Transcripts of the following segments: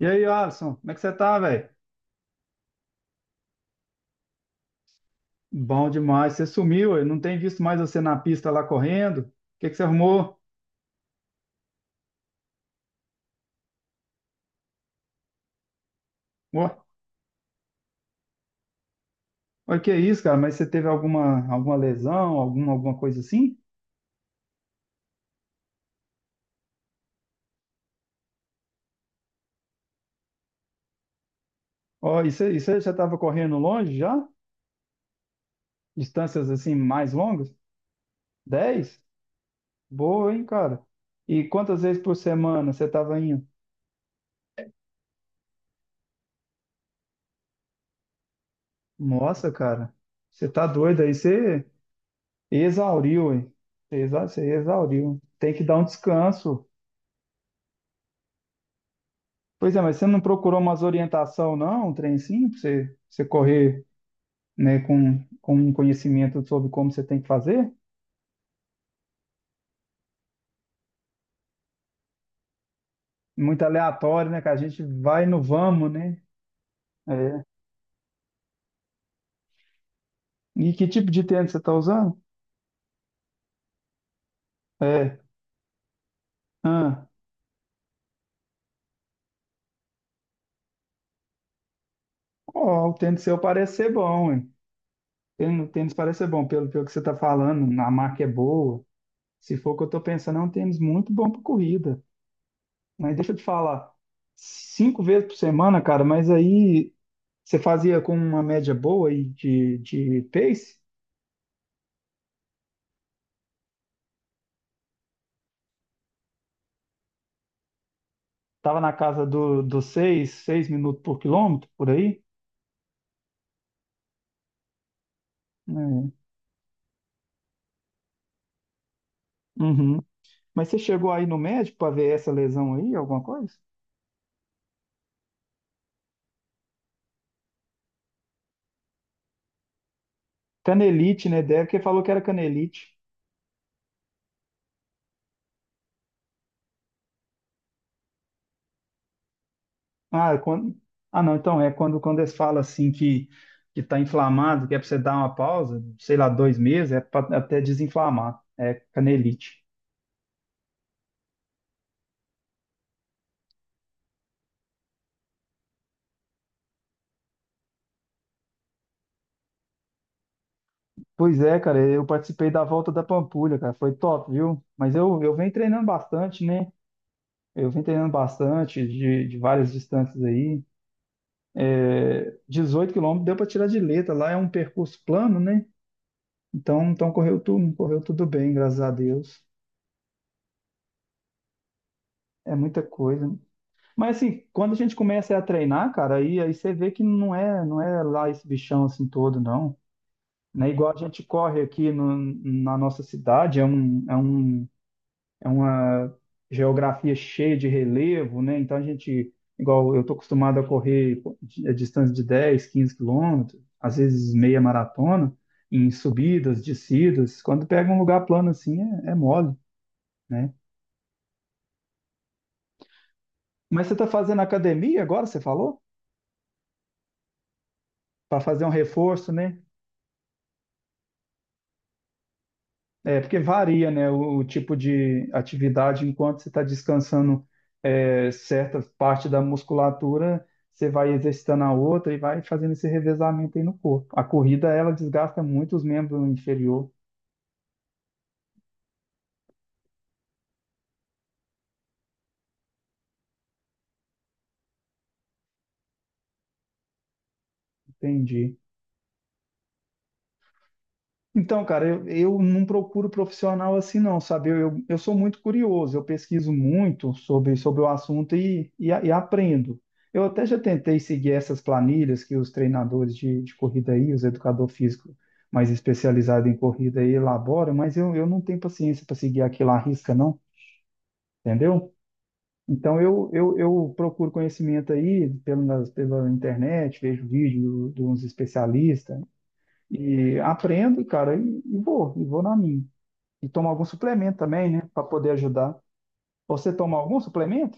E aí, Alisson, como é que você tá, velho? Bom demais, você sumiu, eu não tenho visto mais você na pista lá correndo. O que que você arrumou? Ó, Olha que é isso, cara, mas você teve alguma lesão, alguma coisa assim? E você, e você já estava correndo longe já? Distâncias assim mais longas? 10? Boa, hein, cara? E quantas vezes por semana você estava indo? Nossa, cara, você tá doido aí, você exauriu, hein? Você exauriu. Tem que dar um descanso. Pois é, mas você não procurou umas orientação, não? Um trem sim, pra você, você correr, né, com um conhecimento sobre como você tem que fazer? Muito aleatório, né? Que a gente vai no vamos, né? É. E que tipo de tênis você está usando? É. Ah. Ó, o tênis seu parece ser bom, hein? O tênis parece ser bom, pelo que você está falando, a marca é boa. Se for o que eu estou pensando, é um tênis muito bom para corrida. Mas deixa eu te falar, cinco vezes por semana, cara, mas aí você fazia com uma média boa aí de pace? Tava na casa dos seis minutos por quilômetro, por aí? É. Uhum. Mas você chegou aí no médico para ver essa lesão aí, alguma coisa? Canelite, né? Deve que falou que era canelite. Ah, é quando... não, então é quando, quando eles falam assim que está inflamado, que é para você dar uma pausa, sei lá, 2 meses, é para até desinflamar. É canelite. Pois é, cara, eu participei da volta da Pampulha, cara, foi top, viu? Mas eu venho treinando bastante, né? Eu venho treinando bastante de várias distâncias aí. 18 quilômetros deu para tirar de letra, lá é um percurso plano, né? Então correu tudo bem, graças a Deus. É muita coisa. Mas assim, quando a gente começa a treinar, cara, aí você vê que não é lá esse bichão assim todo, não. Não é igual a gente corre aqui na nossa cidade, é uma geografia cheia de relevo, né? Então a gente, igual eu estou acostumado a correr a distância de 10, 15 quilômetros, às vezes meia maratona, em subidas, descidas. Quando pega um lugar plano assim, é mole, né? Mas você está fazendo academia agora, você falou? Para fazer um reforço, né? É, porque varia, né, o tipo de atividade. Enquanto você está descansando certa parte da musculatura, você vai exercitando a outra e vai fazendo esse revezamento aí no corpo. A corrida, ela desgasta muito os membros inferior. Entendi. Então, cara, eu não procuro profissional assim, não, sabe? Eu sou muito curioso, eu pesquiso muito sobre o assunto e aprendo. Eu até já tentei seguir essas planilhas que os treinadores de corrida aí, os educador físico mais especializado em corrida aí elaboram, mas eu não tenho paciência para seguir aquilo à risca, não, entendeu? Então, eu procuro conhecimento aí pela internet, vejo vídeo de uns especialistas e aprendo, cara, e vou na minha. E tomar algum suplemento também, né? Para poder ajudar. Você toma algum suplemento?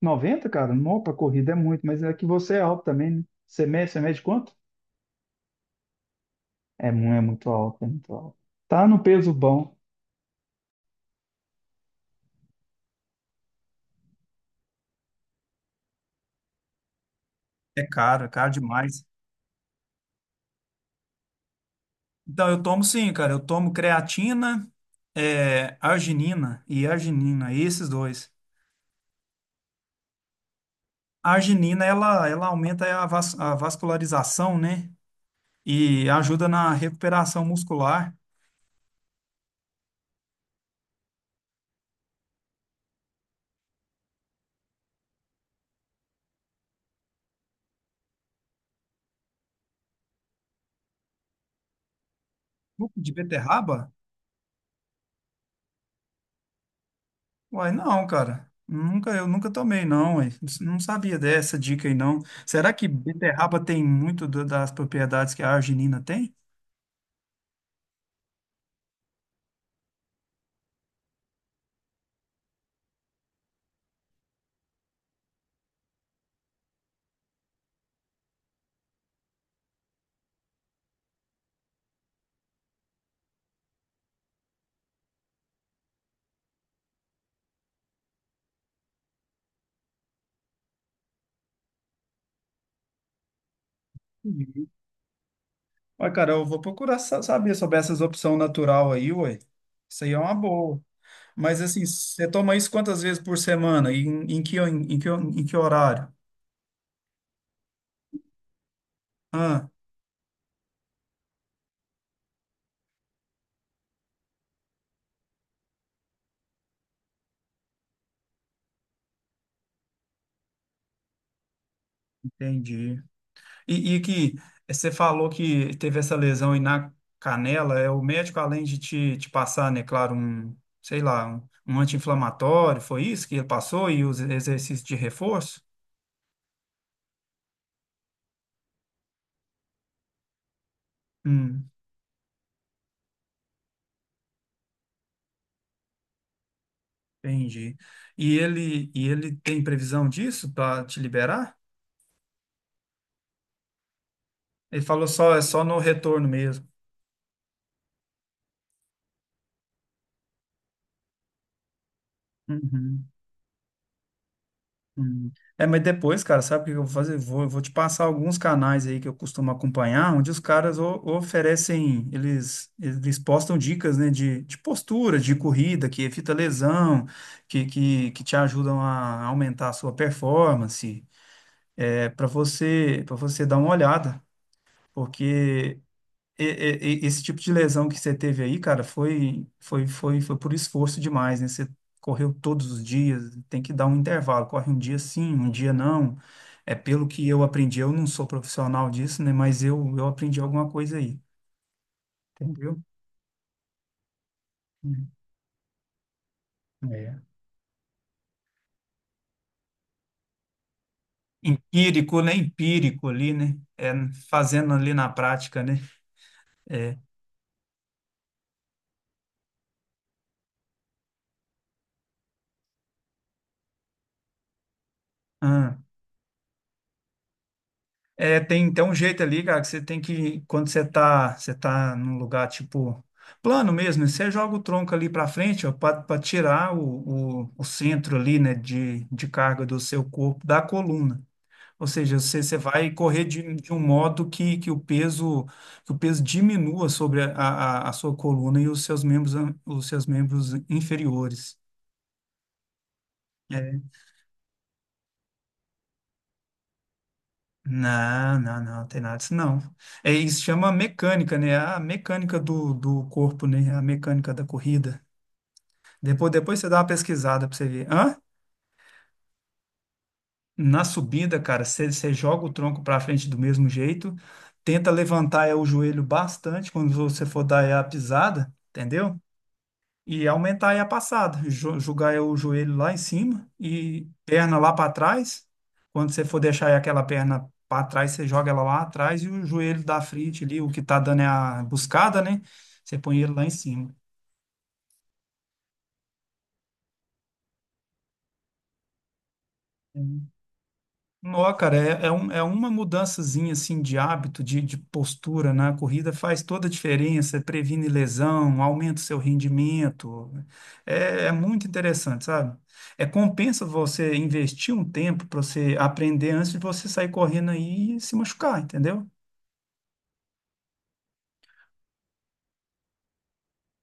90, cara? Não, para corrida é muito, mas é que você é alto também, né? Você mede quanto? É, é muito alto, é muito alto. Tá no peso bom. É caro demais. Então, eu tomo sim, cara. Eu tomo creatina, arginina e arginina, esses dois. A arginina, ela aumenta a vascularização, né? E ajuda na recuperação muscular. Suco de beterraba? Uai, não, cara. Nunca, eu nunca tomei, não, uai. Não sabia dessa dica aí, não. Será que beterraba tem muito das propriedades que a arginina tem? Uhum. Uai, cara, eu vou procurar saber sobre essas opções natural aí, uai. Isso aí é uma boa. Mas assim, você toma isso quantas vezes por semana? Em que horário? Ah, entendi. E que você falou que teve essa lesão aí na canela, é o médico, além de te passar, né, claro, um, sei lá, um anti-inflamatório, foi isso que ele passou e os exercícios de reforço? Hum, entendi. E ele tem previsão disso para te liberar? Ele falou só, é só no retorno mesmo. Uhum. Hum. É, mas depois, cara, sabe o que eu vou fazer? Vou te passar alguns canais aí que eu costumo acompanhar, onde os caras oferecem, eles postam dicas, né, de postura, de corrida, que evita lesão, que te ajudam a aumentar a sua performance, para você dar uma olhada, porque esse tipo de lesão que você teve aí, cara, foi por esforço demais, né? Você correu todos os dias, tem que dar um intervalo, corre um dia sim, um dia não. É pelo que eu aprendi, eu não sou profissional disso, né? Mas eu aprendi alguma coisa aí, entendeu? É, é. Empírico, né? Empírico ali, né? É, fazendo ali na prática, né? É. É, tem um jeito ali, cara, que você tem que, quando você tá num lugar, tipo, plano mesmo, né, você joga o tronco ali pra frente, ó, pra tirar o centro ali, né, de carga do seu corpo, da coluna. Ou seja, você vai correr de um modo que o peso, que o peso diminua sobre a sua coluna e os seus membros inferiores. Né. Não, não, não, não tem nada disso, não. É, isso chama mecânica, né? A mecânica do corpo, né? A mecânica da corrida. Depois você dá uma pesquisada para você ver. Hã? Na subida, cara, você joga o tronco para frente do mesmo jeito, tenta levantar o joelho bastante quando você for dar a pisada, entendeu? E aumentar aí a passada, jogar aí o joelho lá em cima e perna lá para trás. Quando você for deixar aí aquela perna para trás, você joga ela lá atrás e o joelho da frente ali, o que tá dando é a buscada, né? Você põe ele lá em cima. Nó, cara, é uma mudançazinha assim de hábito, de postura na corrida faz toda a diferença, é previne lesão, aumenta o seu rendimento. É muito interessante, sabe? É compensa você investir um tempo para você aprender antes de você sair correndo aí e se machucar, entendeu?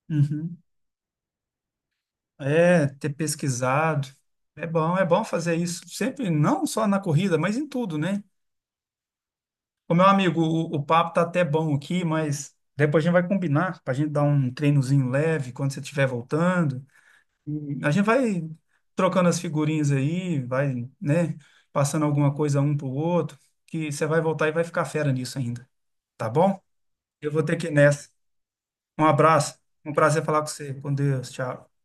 Uhum. É, ter pesquisado. É bom fazer isso sempre, não só na corrida, mas em tudo, né? Ô, meu amigo, o papo tá até bom aqui, mas depois a gente vai combinar para a gente dar um treinozinho leve quando você estiver voltando. E a gente vai trocando as figurinhas aí, vai, né, passando alguma coisa um pro outro, que você vai voltar e vai ficar fera nisso ainda, tá bom? Eu vou ter que ir nessa. Um abraço, um prazer falar com você. Com Deus, tchau.